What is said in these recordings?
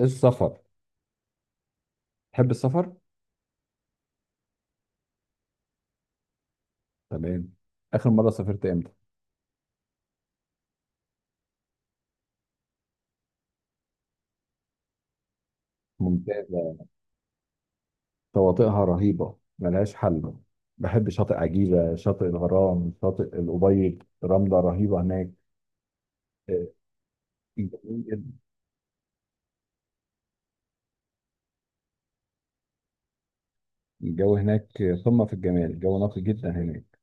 السفر. تحب السفر؟ تمام. آخر مرة سافرت إمتى؟ ممتازة. شواطئها رهيبة، ملهاش حل. بحب شاطئ عجيبة، شاطئ الغرام، شاطئ الأبيض. رملة رهيبة هناك. آه، جميل جدا. الجو هناك قمة في الجمال، الجو نقي جدا هناك.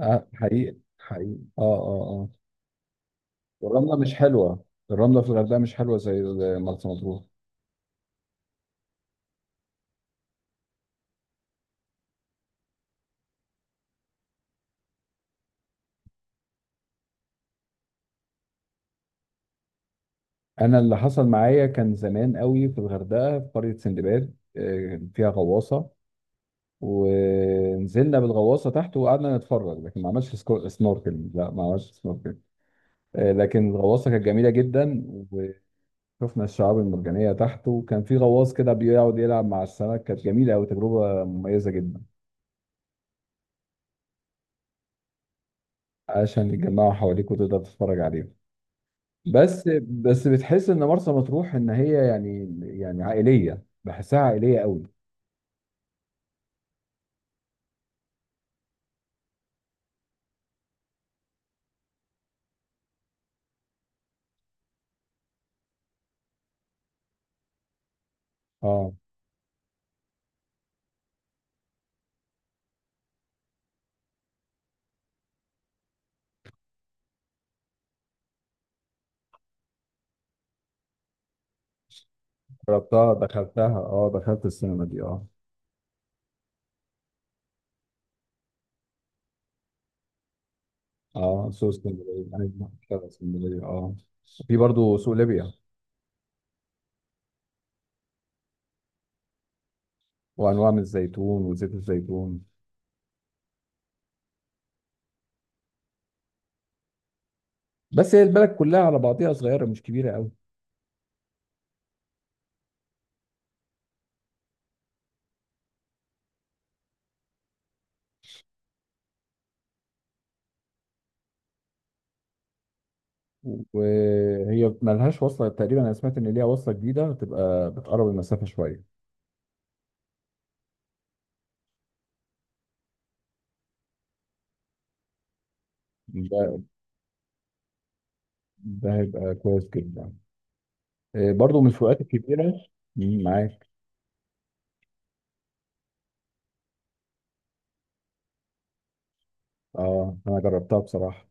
آه، حقيقي حقيقي، آه آه آه. والرملة مش حلوة، الرملة في الغردقة مش حلوة زي مرسى مطروح. أنا اللي حصل معايا كان زمان قوي في الغردقة في قرية سندباد، فيها غواصة. ونزلنا بالغواصه تحت وقعدنا نتفرج، لكن ما عملش سنوركلينج، لا ما عملش سنوركلينج. لكن الغواصه كانت جميله جدا. وشفنا الشعاب المرجانيه تحت، وكان في غواص كده بيقعد يلعب مع السمك، كانت جميله قوي، تجربه مميزه جدا. عشان يتجمعوا حواليك وتقدر تتفرج عليهم. بس بتحس ان مرسى مطروح ان هي يعني عائليه، بحسها عائليه قوي. اه، جربتها، دخلتها. اه، دخلت السينما دي. اه. اه، سوق اسكندريه، ايوه شارع اسكندريه. اه. في برضه سوق ليبيا. وانواع من الزيتون وزيت الزيتون. بس هي البلد كلها على بعضيها صغيره، مش كبيره قوي. وهي ملهاش وصله تقريبا، انا سمعت ان ليها وصله جديده هتبقى بتقرب المسافه شويه. ده ده هيبقى كويس جدا. برضه من الفروقات الكبيره. مم، معاك. اه، انا جربتها بصراحه.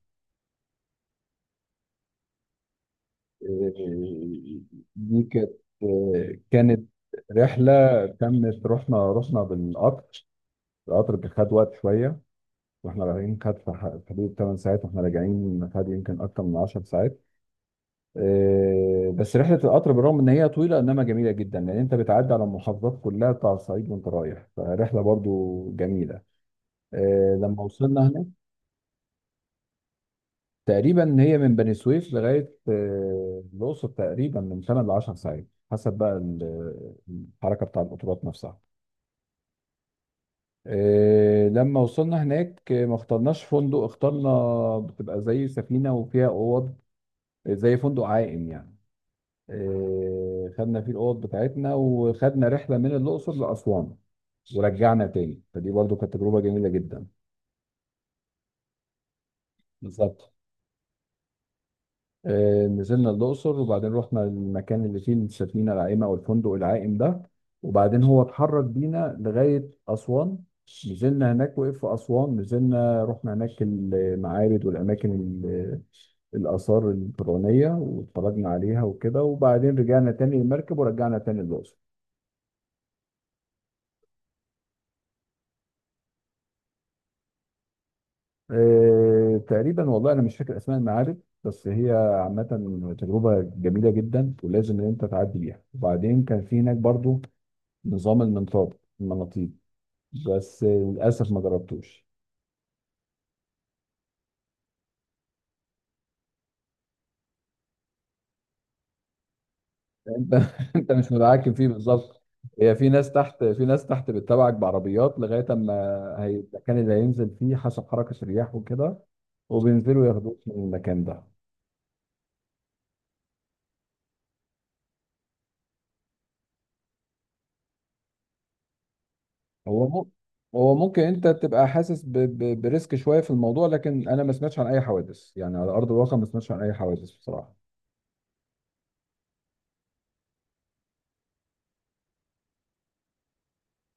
آه، دي كانت. كانت رحله تمت. رحنا بالقطر. القطر كان خد وقت شويه. واحنا راجعين خد في حدود 8 ساعات، واحنا راجعين خد يمكن اكتر من 10 ساعات. بس رحله القطر بالرغم ان هي طويله انما جميله جدا، لان انت بتعدي على المحافظات كلها بتاع الصعيد وانت رايح، فرحله برضو جميله. لما وصلنا هناك. تقريبا هي من بني سويف لغايه الاقصر، تقريبا من 8 ل 10 ساعات حسب بقى الحركه بتاع القطارات نفسها. لما وصلنا هناك، ما اخترناش فندق، اخترنا بتبقى زي سفينة وفيها أوض. زي فندق عائم يعني. خدنا فيه الأوض بتاعتنا وخدنا رحلة من الأقصر لأسوان. ورجعنا تاني، فدي برضو كانت تجربة جميلة جدا. بالظبط. نزلنا الأقصر وبعدين رحنا المكان اللي فيه السفينة العائمة أو الفندق العائم ده. وبعدين هو اتحرك بينا لغاية أسوان. نزلنا هناك، وقف في أسوان، نزلنا رحنا هناك المعابد والأماكن، ال- الآثار الفرعونية، واتفرجنا عليها وكده، وبعدين رجعنا تاني المركب ورجعنا تاني الأقصر. تقريبا والله أنا مش فاكر أسماء المعابد، بس هي عامة تجربة جميلة جدا، ولازم إن أنت تعدي بيها. وبعدين كان في هناك برضو نظام المنطاد، المناطيد. بس للاسف ما جربتوش. انت انت مش متحكم فيه بالظبط. هي في ناس تحت بتتابعك بعربيات لغايه اما المكان اللي هينزل فيه حسب حركه الرياح وكده، وبينزلوا ياخدوك من المكان ده. هو مو- هو ممكن انت تبقى حاسس بريسك شويه في الموضوع، لكن انا ما سمعتش عن اي حوادث يعني على ارض الواقع، ما سمعتش عن اي حوادث بصراحه.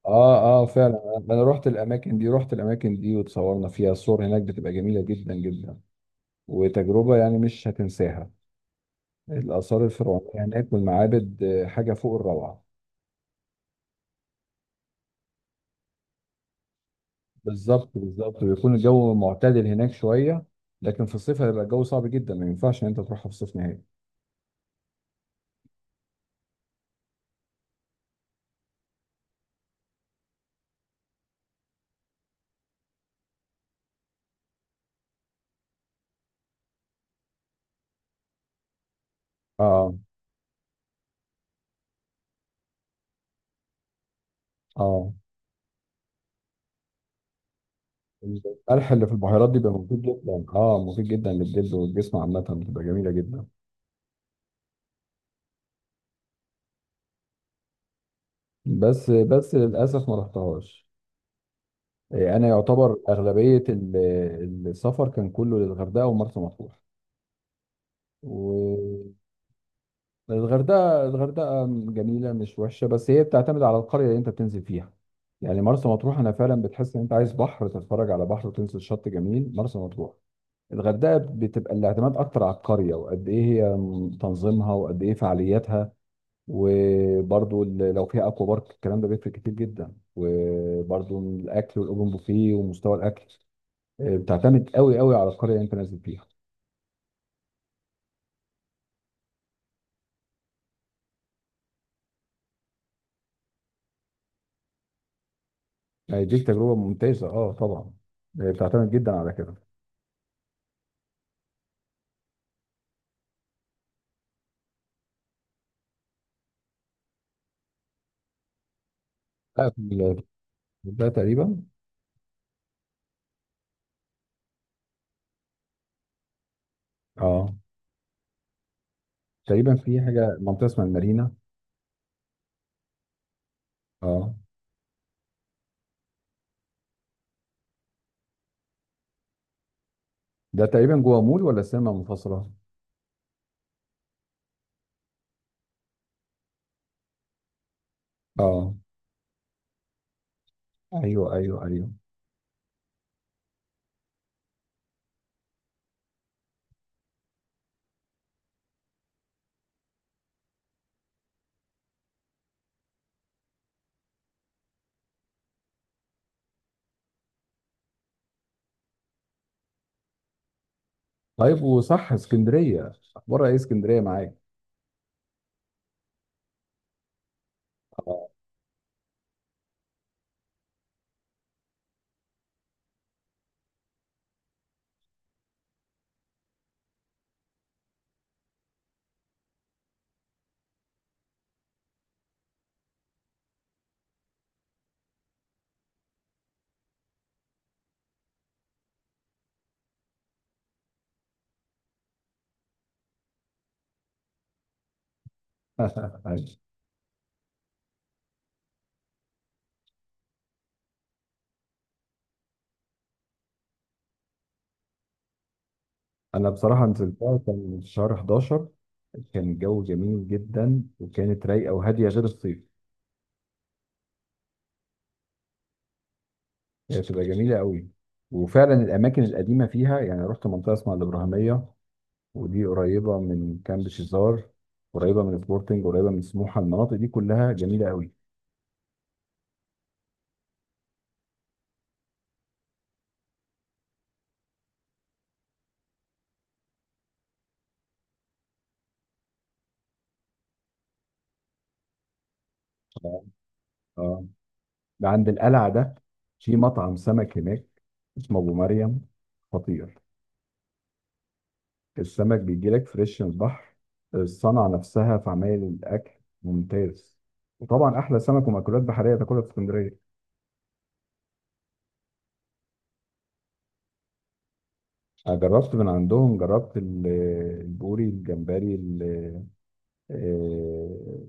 اه اه، فعلا. انا رحت الاماكن دي وتصورنا فيها، الصور هناك بتبقى جميله جدا جدا. وتجربة يعني مش هتنساها. الآثار الفرعونية هناك والمعابد، حاجة فوق الروعة. بالظبط بالظبط، بيكون الجو معتدل هناك شوية. لكن في الصيف هيبقى الجو صعب جدا، ما ينفعش إن أنت تروحها في الصيف نهائي. اه اه. القلح اللي في البحيرات دي بيبقى مفيد جدا، اه، مفيد جدا للجلد والجسم عامة، بتبقى جميلة جدا. بس للأسف ما رحتهاش. أنا يعتبر أغلبية السفر كان كله للغردقة ومرسى مطروح. الغردقة جميلة مش وحشة، بس هي بتعتمد على القرية اللي انت بتنزل فيها. يعني مرسى مطروح، انا فعلا بتحس ان انت عايز بحر، تتفرج على بحر وتنزل شط جميل، مرسى مطروح. الغردقة بتبقى الاعتماد اكتر على القرية وقد ايه هي تنظيمها وقد ايه فعالياتها. وبرضو لو فيها اكوا بارك الكلام ده بيفرق كتير جدا، وبرضو الاكل والاوبن بوفيه ومستوى الاكل. بتعتمد قوي قوي على القرية اللي انت نازل فيها. يعني دي تجربة ممتازة، اه طبعا. بتعتمد جدا على كده. لا، في. ده تقريبا. اه تقريبا في حاجه منطقه اسمها المارينا. اه. ده تقريبا جوه مول ولا سينما منفصله؟ اه، ايوه ايوه ايوه. طيب، وصح، اسكندريه اخبارها ايه؟ اسكندريه معاك. اه. أيوة. انا بصراحه نزلتها، كان في شهر 11. كان الجو جميل جدا، وكانت رايقه وهاديه غير الصيف. هي بتبقى جميله قوي. وفعلا الاماكن القديمه فيها، يعني رحت منطقه اسمها الابراهيميه، ودي قريبه من كامب شيزار، قريبه من سبورتنج، قريبه من سموحه، المناطق دي كلها جميله قوي. اه، ده عند القلعه ده، في مطعم سمك هناك اسمه ابو مريم، خطير. السمك بيجي لك فريش من البحر، الصنعه نفسها في عمايل الاكل ممتاز. وطبعا احلى سمك ومأكولات بحريه تاكلها في اسكندريه. أنا جربت من عندهم، جربت البوري، الجمبري، آه،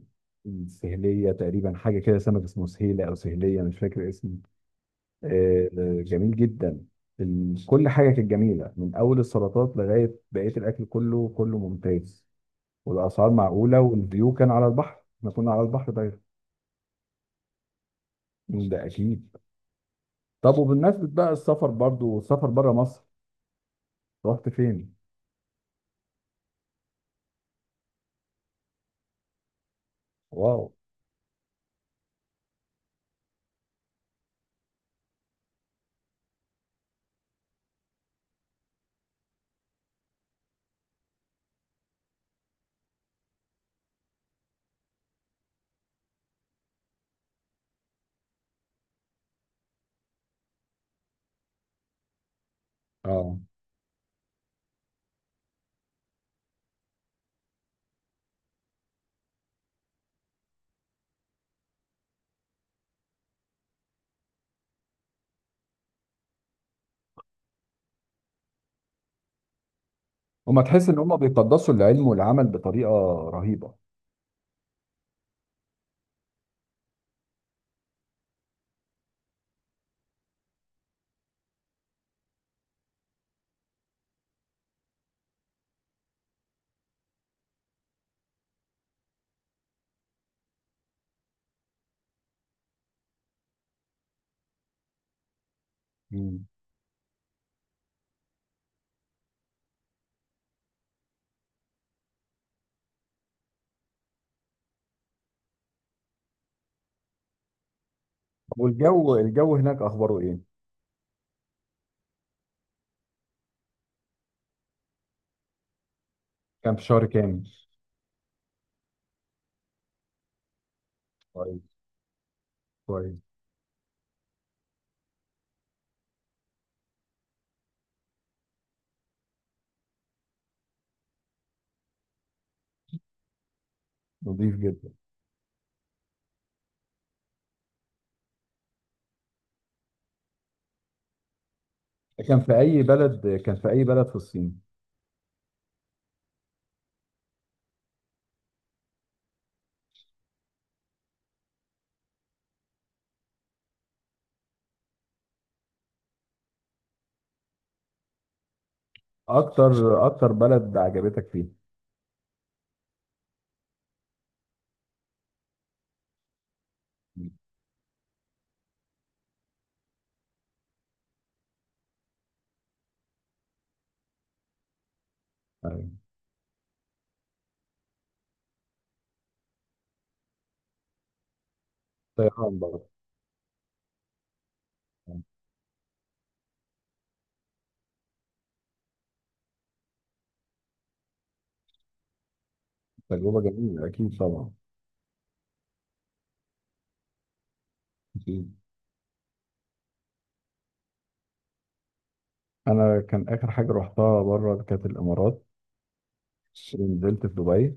سهلية، تقريبا حاجة كده سمك اسمه سهيلة أو سهلية، مش فاكر اسمه. جميل جدا. كل حاجة كانت جميلة من أول السلطات لغاية بقية الأكل، كله كله ممتاز. والأسعار معقولة، والفيو كان على البحر، احنا كنا على البحر دايما. ده أكيد. طب وبالنسبة بقى السفر، برضو السفر بره مصر، رحت فين؟ واو. اه. هما تحس إن هما بيقدسوا العلم والعمل بطريقة رهيبة. مم. والجو هناك أخباره إيه؟ كان في شهر كامل؟ كويس. كويس. نظيف جدا. كان في اي بلد في الصين؟ اكتر اكتر بلد عجبتك فيها؟ أيوة. طيران برضه؟ تجربة جميلة أكيد طبعا. أكيد. أنا كان آخر حاجة رحتها بره كانت الإمارات، نزلت في دبي.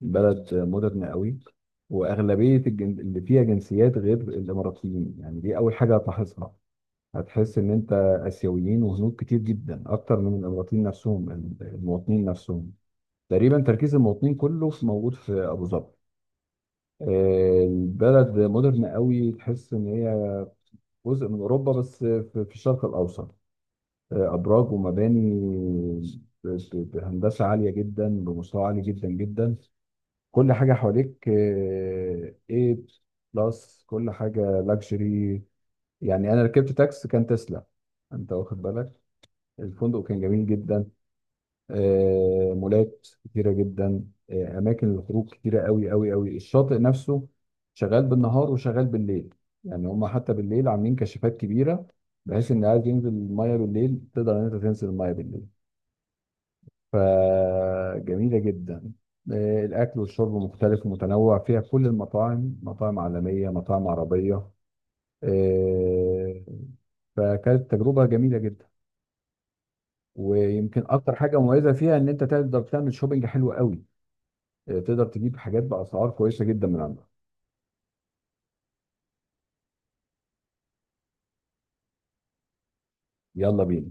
بلد مودرن قوي. وأغلبية اللي فيها جنسيات غير الإماراتيين، يعني دي أول حاجة هتلاحظها، هتحس إن أنت آسيويين وهنود كتير جدا، أكتر من الإماراتيين نفسهم، المواطنين نفسهم. تقريبا تركيز المواطنين كله في موجود في ابو ظبي. البلد مودرن قوي، تحس ان هي جزء من اوروبا بس في الشرق الاوسط. ابراج ومباني ب- بهندسه عاليه جدا، بمستوى عالي جدا جدا. كل حاجه حواليك ايه، بلس كل حاجه لاكجري. يعني انا ركبت تاكس كان تسلا، انت واخد بالك. الفندق كان جميل جدا. مولات كتيرة جدا. أماكن للخروج كتيرة قوي قوي قوي. الشاطئ نفسه شغال بالنهار وشغال بالليل، يعني هما حتى بالليل عاملين كشافات كبيرة، بحيث إن عايز ينزل المية بالليل تقدر إن أنت تنزل المية بالليل، فجميلة جدا. الأكل والشرب مختلف ومتنوع فيها، كل المطاعم مطاعم عالمية، مطاعم عربية. آه، فكانت تجربة جميلة جدا. ويمكن أكتر حاجة مميزة فيها إن أنت تقدر تعمل شوبينج حلو قوي. تقدر تجيب حاجات باسعار كويسه جدا من عندها. يلا بينا.